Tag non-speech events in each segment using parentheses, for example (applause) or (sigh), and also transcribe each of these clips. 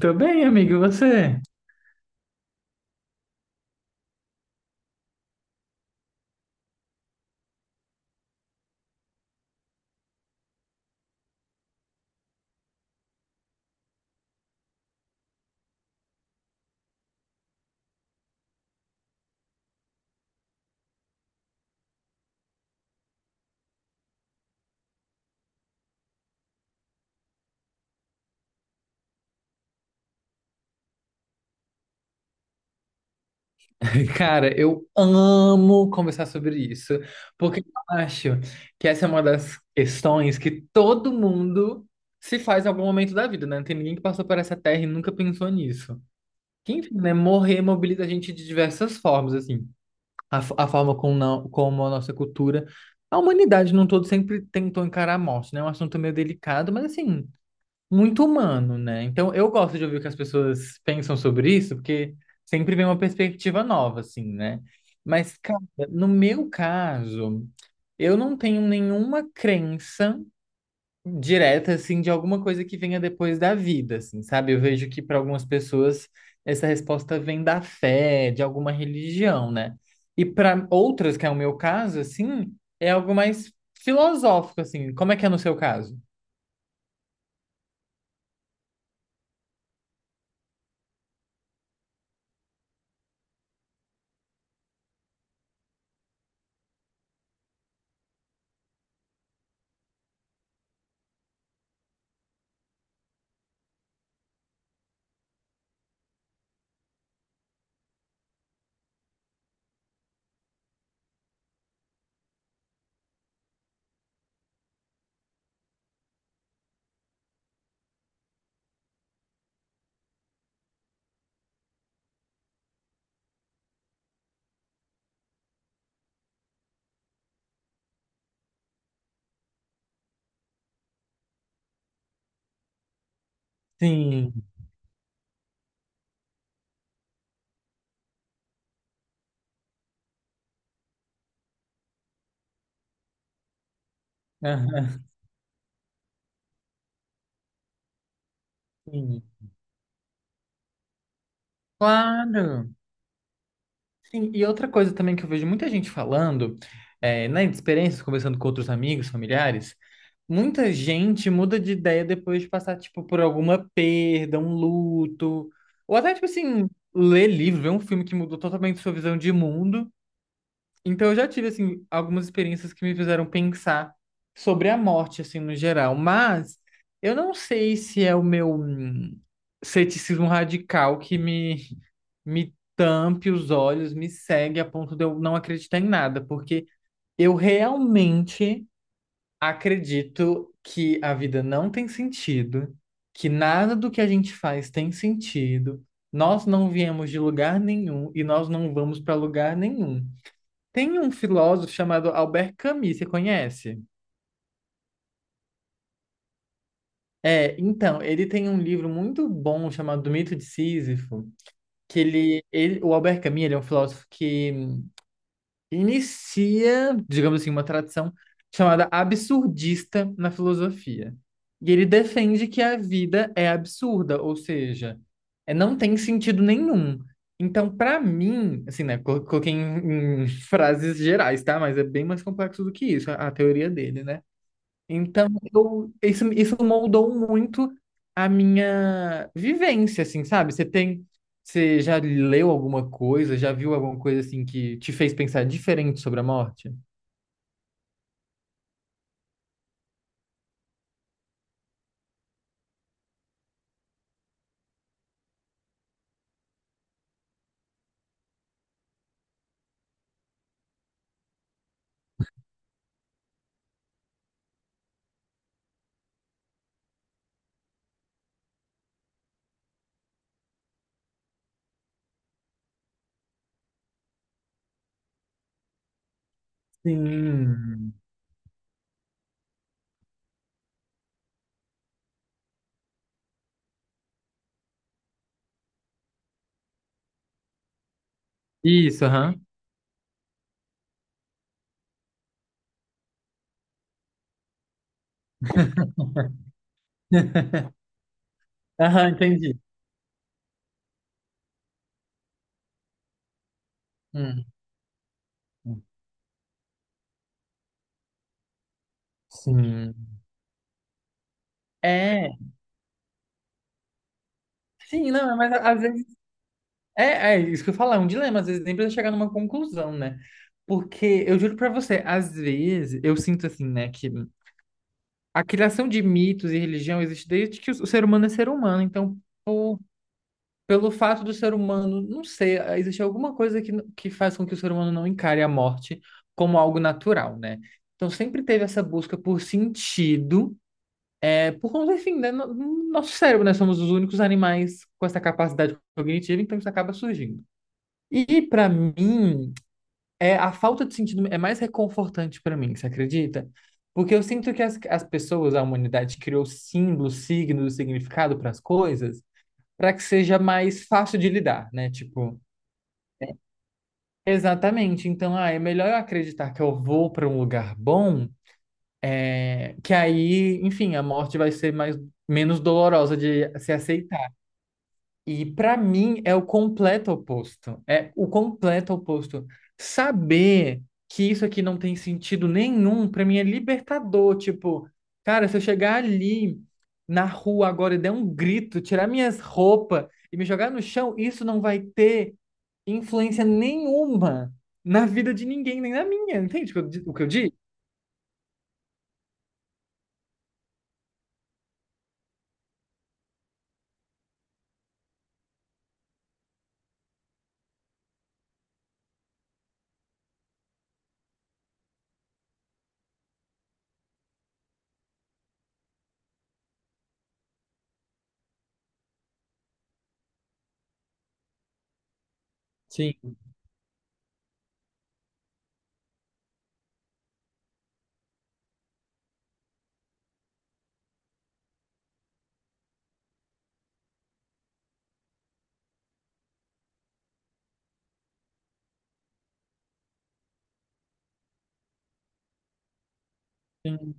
Tô bem, amigo, e você? (laughs) Cara, eu amo conversar sobre isso, porque eu acho que essa é uma das questões que todo mundo se faz em algum momento da vida, né? Não tem ninguém que passou por essa terra e nunca pensou nisso. Que, enfim, né? Morrer mobiliza a gente de diversas formas, assim. A forma como, não, como a nossa cultura, a humanidade num todo sempre tentou encarar a morte, né? É um assunto meio delicado, mas assim, muito humano, né? Então eu gosto de ouvir o que as pessoas pensam sobre isso, porque sempre vem uma perspectiva nova, assim, né? Mas, cara, no meu caso, eu não tenho nenhuma crença direta, assim, de alguma coisa que venha depois da vida, assim, sabe? Eu vejo que para algumas pessoas essa resposta vem da fé, de alguma religião, né? E para outras, que é o meu caso, assim, é algo mais filosófico, assim. Como é que é no seu caso? Sim. Aham. Sim. Claro. Sim, e outra coisa também que eu vejo muita gente falando, é, nas experiências, conversando com outros amigos, familiares, muita gente muda de ideia depois de passar, tipo, por alguma perda, um luto, ou até, tipo assim, ler livro, ver um filme que mudou totalmente sua visão de mundo. Então, eu já tive, assim, algumas experiências que me fizeram pensar sobre a morte, assim, no geral. Mas eu não sei se é o meu ceticismo radical que me tampe os olhos, me segue a ponto de eu não acreditar em nada, porque eu realmente acredito que a vida não tem sentido, que nada do que a gente faz tem sentido. Nós não viemos de lugar nenhum e nós não vamos para lugar nenhum. Tem um filósofo chamado Albert Camus, você conhece? É, então, ele tem um livro muito bom chamado Do Mito de Sísifo, que ele, o Albert Camus, ele é um filósofo que inicia, digamos assim, uma tradição chamada absurdista na filosofia. E ele defende que a vida é absurda, ou seja, é, não tem sentido nenhum. Então, para mim, assim, né, coloquei em (laughs) frases gerais, tá? Mas é bem mais complexo do que isso, a teoria dele, né? Então, isso moldou muito a minha vivência, assim, sabe? Você já leu alguma coisa, já viu alguma coisa assim que te fez pensar diferente sobre a morte? Sim. Isso, aham. (laughs) Aham, entendi. Hum. Sim. É, sim, não, é, mas às vezes é isso que eu falo, é um dilema, às vezes nem precisa chegar numa conclusão, né? Porque eu juro pra você, às vezes eu sinto assim, né, que a criação de mitos e religião existe desde que o ser humano é ser humano. Então, por- pelo fato do ser humano, não sei, existe alguma coisa que faz com que o ser humano não encare a morte como algo natural, né? Então, sempre teve essa busca por sentido, é, por conta, enfim, né, no nosso cérebro, né? Somos os únicos animais com essa capacidade cognitiva, então isso acaba surgindo. E, para mim, é, a falta de sentido é mais reconfortante para mim, você acredita? Porque eu sinto que as pessoas, a humanidade, criou símbolos, signos, significado para as coisas, para que seja mais fácil de lidar, né? Tipo, exatamente. Então, ah, é melhor eu acreditar que eu vou para um lugar bom, é, que aí, enfim, a morte vai ser mais, menos dolorosa de se aceitar. E para mim é o completo oposto. É o completo oposto. Saber que isso aqui não tem sentido nenhum, para mim é libertador. Tipo, cara, se eu chegar ali na rua agora e der um grito, tirar minhas roupas e me jogar no chão, isso não vai ter influência nenhuma na vida de ninguém, nem na minha. Entende o que o que eu digo? Sim, sim,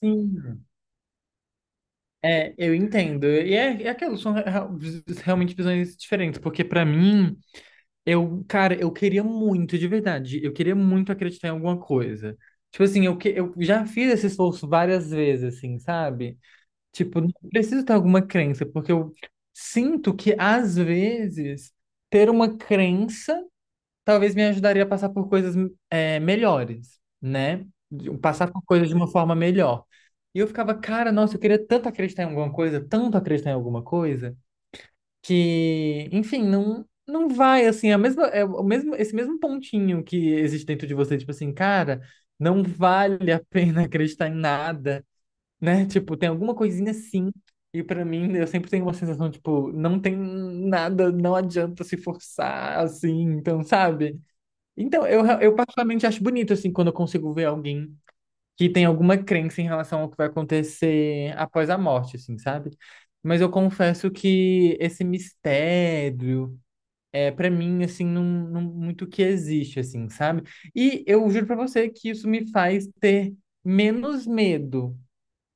sim. É, eu entendo. E é aquilo, são realmente visões diferentes, porque para mim. Eu, cara, eu queria muito, de verdade, eu queria muito acreditar em alguma coisa. Tipo assim, eu já fiz esse esforço várias vezes, assim, sabe? Tipo, não preciso ter alguma crença, porque eu sinto que, às vezes, ter uma crença talvez me ajudaria a passar por coisas melhores, né? Passar por coisas de uma forma melhor. E eu ficava, cara, nossa, eu queria tanto acreditar em alguma coisa, tanto acreditar em alguma coisa que, enfim, não vai assim, é a mesma é o mesmo esse mesmo pontinho que existe dentro de você, tipo assim, cara, não vale a pena (laughs) acreditar em nada, né? Tipo, tem alguma coisinha assim. E pra mim, eu sempre tenho uma sensação, tipo, não tem nada, não adianta se forçar assim, então, sabe? Então, eu particularmente acho bonito, assim, quando eu consigo ver alguém que tem alguma crença em relação ao que vai acontecer após a morte, assim, sabe? Mas eu confesso que esse mistério é para mim assim não muito que existe, assim, sabe? E eu juro para você que isso me faz ter menos medo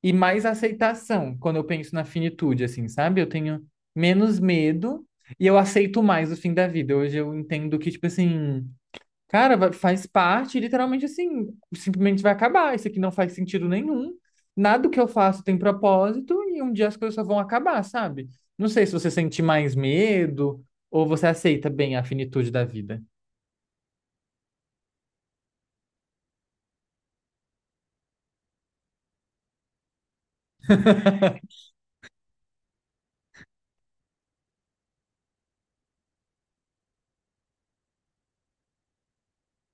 e mais aceitação quando eu penso na finitude, assim, sabe? Eu tenho menos medo e eu aceito mais o fim da vida. Hoje eu entendo que tipo assim, cara, faz parte, literalmente assim, simplesmente vai acabar. Isso aqui não faz sentido nenhum. Nada do que eu faço tem propósito e um dia as coisas só vão acabar, sabe? Não sei se você sente mais medo ou você aceita bem a finitude da vida.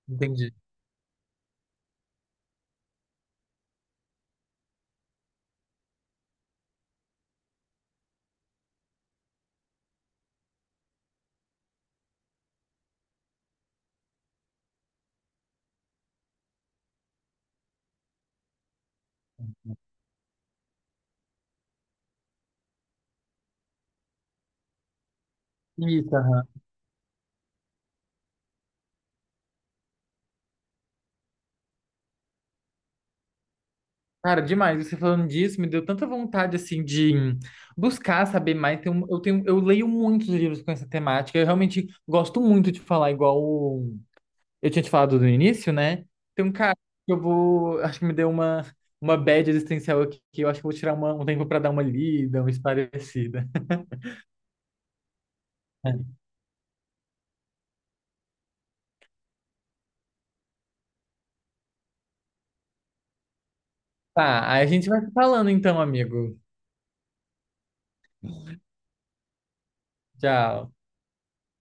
Entendi. Isso, aham. Cara, demais. Você falando disso me deu tanta vontade, assim, de buscar saber mais. Tem um- eu tenho, eu leio muitos livros com essa temática. Eu realmente gosto muito de falar, igual eu tinha te falado no início, né? Tem um cara que eu vou. Acho que me deu uma bad existencial aqui, que eu acho que eu vou tirar um tempo pra dar uma lida, uma esparecida. (laughs) Tá, aí a gente vai se falando então, amigo. Tchau.